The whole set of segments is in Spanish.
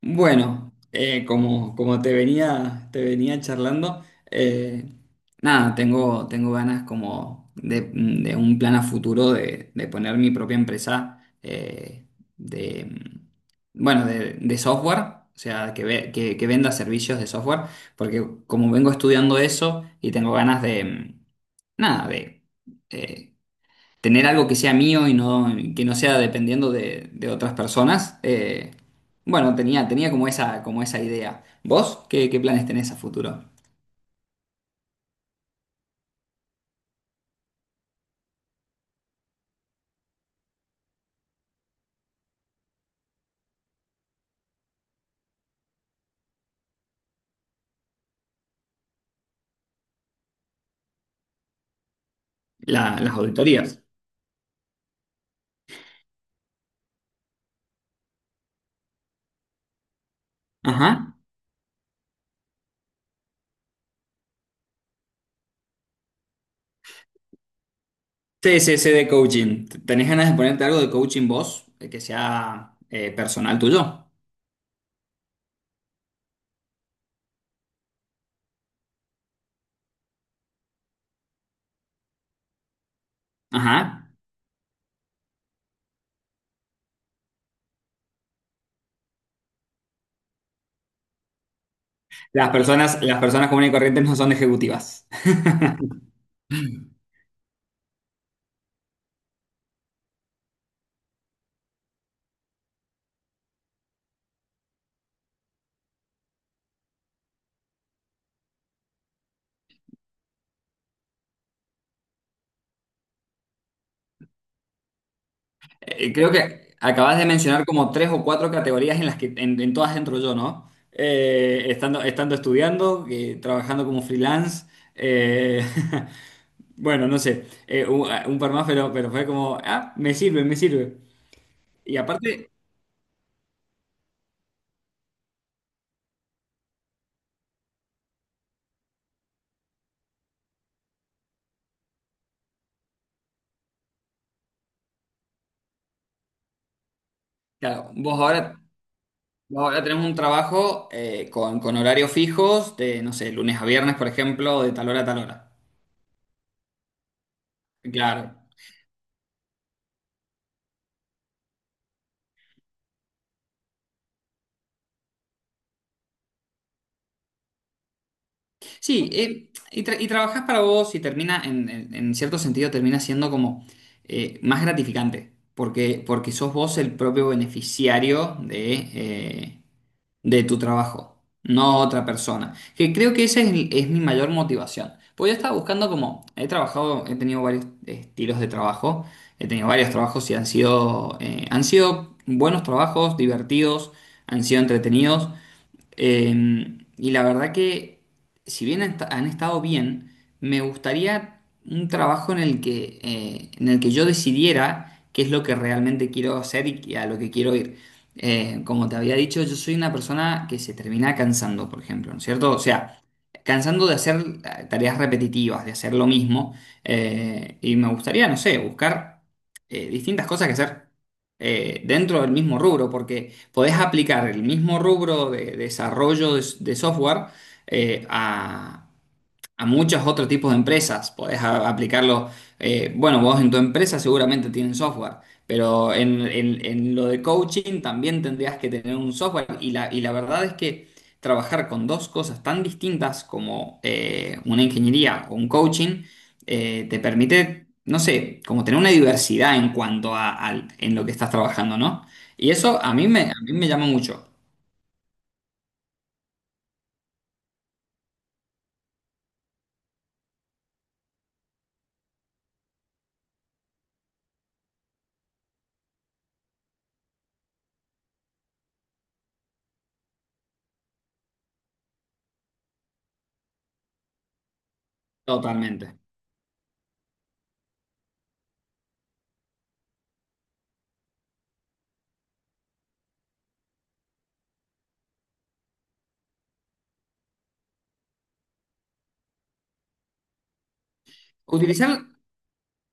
Bueno, como te venía charlando, eh, nada, tengo ganas como de un plan a futuro de poner mi propia empresa de, bueno, de software, o sea, que venda servicios de software, porque como vengo estudiando eso y tengo ganas nada, eh, tener algo que sea mío y que no sea dependiendo de otras personas. Bueno, tenía como esa idea. ¿Vos qué planes tenés a futuro? Las auditorías. Ajá. Sí, sí, sí, de coaching. ¿Tenés ganas de ponerte algo de coaching vos, que sea, personal tuyo? Ajá. Las personas comunes y corrientes no son ejecutivas. Creo que acabas de mencionar como tres o cuatro categorías en las que en todas entro yo, ¿no? Estando, estando estudiando, trabajando como freelance. eh, bueno, no sé, un par más, pero fue como, me sirve, me sirve. Y aparte, claro, vos ahora tenés un trabajo, con horarios fijos, de, no sé, lunes a viernes, por ejemplo, de tal hora a tal hora. Claro. Sí, y trabajas para vos y termina, en cierto sentido, termina siendo como más gratificante, porque, porque sos vos el propio beneficiario de tu trabajo, no otra persona. Que creo que esa es, es mi mayor motivación. Pues yo estaba buscando como, he trabajado, he tenido varios estilos de trabajo, he tenido varios trabajos y han sido buenos trabajos, divertidos, han sido entretenidos. Eh, y la verdad que, si bien han estado bien, me gustaría un trabajo en el que yo decidiera qué es lo que realmente quiero hacer y a lo que quiero ir. Como te había dicho, yo soy una persona que se termina cansando, por ejemplo, ¿no es cierto? O sea, cansando de hacer tareas repetitivas, de hacer lo mismo. Y me gustaría, no sé, buscar distintas cosas que hacer dentro del mismo rubro, porque podés aplicar el mismo rubro de desarrollo de software, eh, a muchos otros tipos de empresas. Aplicarlo, bueno, vos en tu empresa seguramente tienen software, pero en lo de coaching también tendrías que tener un software. Y la verdad es que trabajar con dos cosas tan distintas como una ingeniería o un coaching te permite, no sé, como tener una diversidad en cuanto en lo que estás trabajando, ¿no? Y eso a mí me llama mucho, totalmente. Utilizar,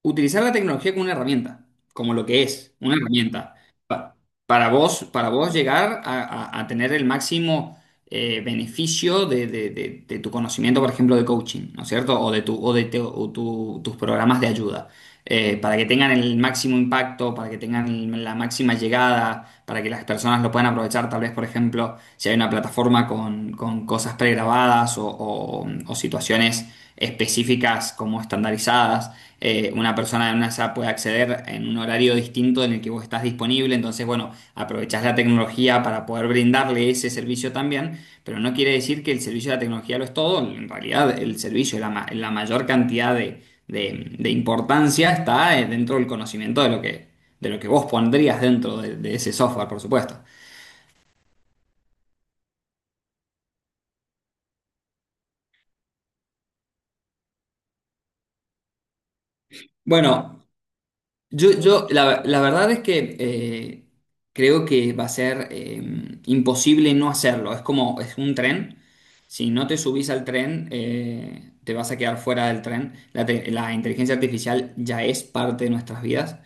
utilizar la tecnología como una herramienta, como lo que es, una herramienta, pa- para vos llegar a tener el máximo beneficio de tu conocimiento, por ejemplo, de coaching, ¿no es cierto? O de, tu, o de te- o tu- tus programas de ayuda, para que tengan el máximo impacto, para que tengan la máxima llegada, para que las personas lo puedan aprovechar, tal vez, por ejemplo, si hay una plataforma con cosas pregrabadas o situaciones específicas como estandarizadas, una persona en una SAP puede acceder en un horario distinto en el que vos estás disponible. Entonces, bueno, aprovechás la tecnología para poder brindarle ese servicio también, pero no quiere decir que el servicio de la tecnología lo es todo. En realidad, el servicio, la mayor cantidad de importancia está, dentro del conocimiento de lo que vos pondrías dentro de ese software, por supuesto. Bueno, yo la, la verdad es que creo que va a ser imposible no hacerlo. Es como, es un tren. Si no te subís al tren, te vas a quedar fuera del tren. La inteligencia artificial ya es parte de nuestras vidas.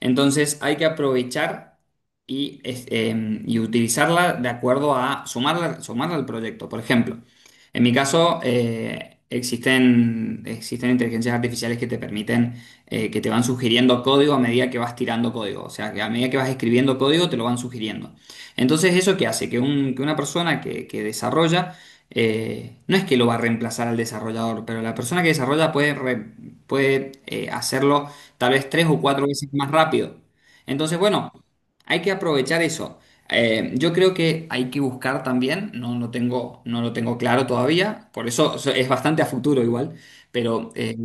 Entonces hay que aprovechar y, y utilizarla de acuerdo a sumarla, sumarla al proyecto. Por ejemplo, en mi caso, existen inteligencias artificiales que te permiten, que te van sugiriendo código a medida que vas tirando código. O sea, que a medida que vas escribiendo código, te lo van sugiriendo. Entonces, ¿eso qué hace? Que una persona que desarrolla, no es que lo va a reemplazar al desarrollador, pero la persona que desarrolla puede, puede hacerlo tal vez 3 o 4 veces más rápido. Entonces, bueno. Hay que aprovechar eso. Yo creo que hay que buscar también, no tengo, no lo tengo claro todavía, por eso es bastante a futuro igual, pero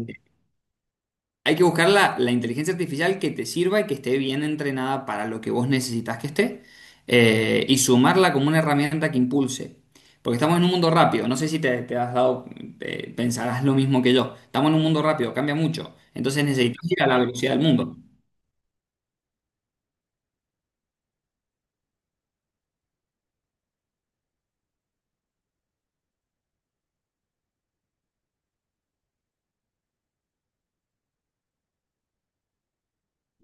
hay que buscar la, la inteligencia artificial que te sirva y que esté bien entrenada para lo que vos necesitas que esté, y sumarla como una herramienta que impulse. Porque estamos en un mundo rápido, no sé si te has dado, pensarás lo mismo que yo, estamos en un mundo rápido, cambia mucho, entonces necesitas ir a la velocidad del mundo.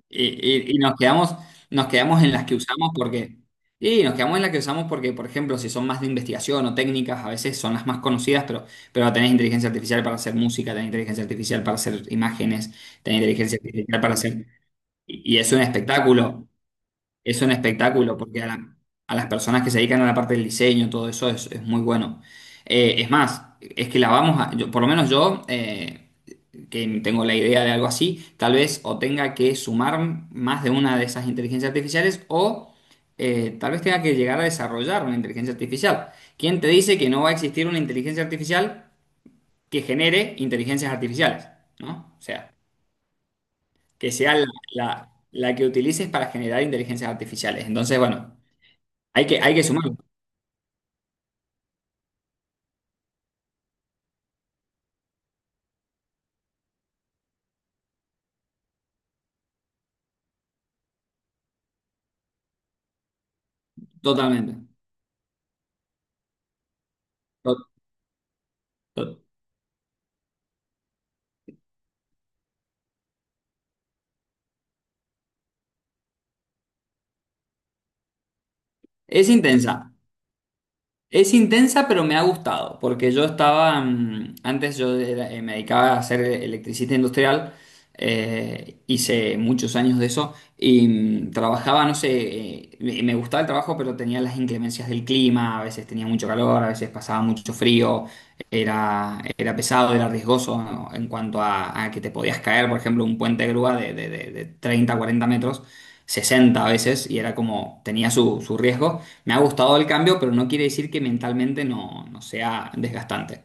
Y, y nos quedamos en las que usamos porque, y nos quedamos en las que usamos porque, por ejemplo, si son más de investigación o técnicas, a veces son las más conocidas, pero tenés inteligencia artificial para hacer música, tenés inteligencia artificial para hacer imágenes, tenés inteligencia artificial para hacer... Y, y es un espectáculo, porque a las personas que se dedican a la parte del diseño, todo eso es muy bueno. Es más, es que la vamos a, por lo menos yo... que tengo la idea de algo así, tal vez o tenga que sumar más de una de esas inteligencias artificiales o tal vez tenga que llegar a desarrollar una inteligencia artificial. ¿Quién te dice que no va a existir una inteligencia artificial que genere inteligencias artificiales? ¿No? O sea, que sea la, la- la que utilices para generar inteligencias artificiales. Entonces, bueno, hay que sumarlo totalmente. To- to- Es intensa. Es intensa, pero me ha gustado, porque yo estaba, antes yo me dedicaba a ser electricista industrial, hice muchos años de eso, y trabajaba, no sé, me gustaba el trabajo, pero tenía las inclemencias del clima, a veces tenía mucho calor, a veces pasaba mucho frío, era, era pesado, era riesgoso, ¿no?, en cuanto a que te podías caer, por ejemplo, un puente de grúa de 30, 40 metros, 60 a veces, y era como, tenía su, su riesgo. Me ha gustado el cambio, pero no quiere decir que mentalmente no sea desgastante.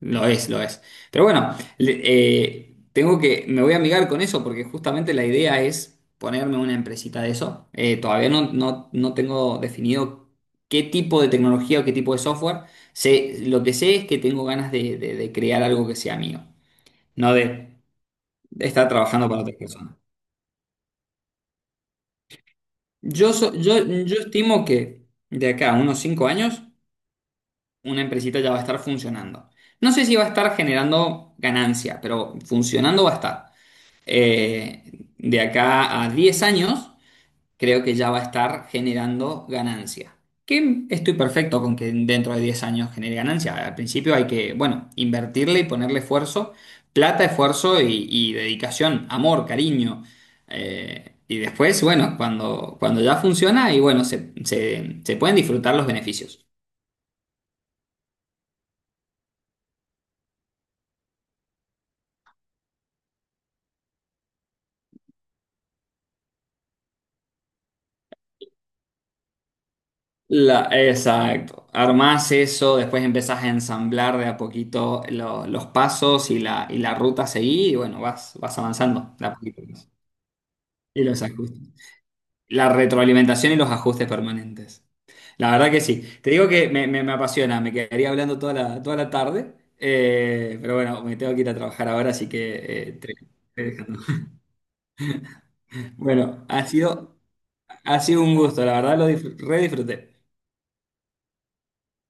Lo es, lo es. Pero bueno, tengo que, me voy a amigar con eso porque justamente la idea es ponerme una empresita de eso. Todavía no tengo definido qué tipo de tecnología o qué tipo de software. Sé, lo que sé es que tengo ganas de, de crear algo que sea mío, no de estar trabajando para otras personas. Yo estimo que de acá a unos 5 años una empresita ya va a estar funcionando. No sé si va a estar generando ganancia, pero funcionando va a estar. Eh, de acá a 10 años, creo que ya va a estar generando ganancia. Que estoy perfecto con que dentro de 10 años genere ganancia. Al principio hay que, bueno, invertirle y ponerle esfuerzo, plata, esfuerzo y dedicación, amor, cariño. Y después, bueno, cuando, cuando ya funciona y bueno, se pueden disfrutar los beneficios. La, exacto. Armás eso, después empezás a ensamblar de a poquito los pasos y la ruta a seguir, y bueno, vas, vas avanzando de a poquito. Y los ajustes. La retroalimentación y los ajustes permanentes. La verdad que sí. Te digo que me, me apasiona, me quedaría hablando toda la tarde, pero bueno, me tengo que ir a trabajar ahora, así que te dejando. Bueno, ha sido un gusto, la verdad lo re disfruté.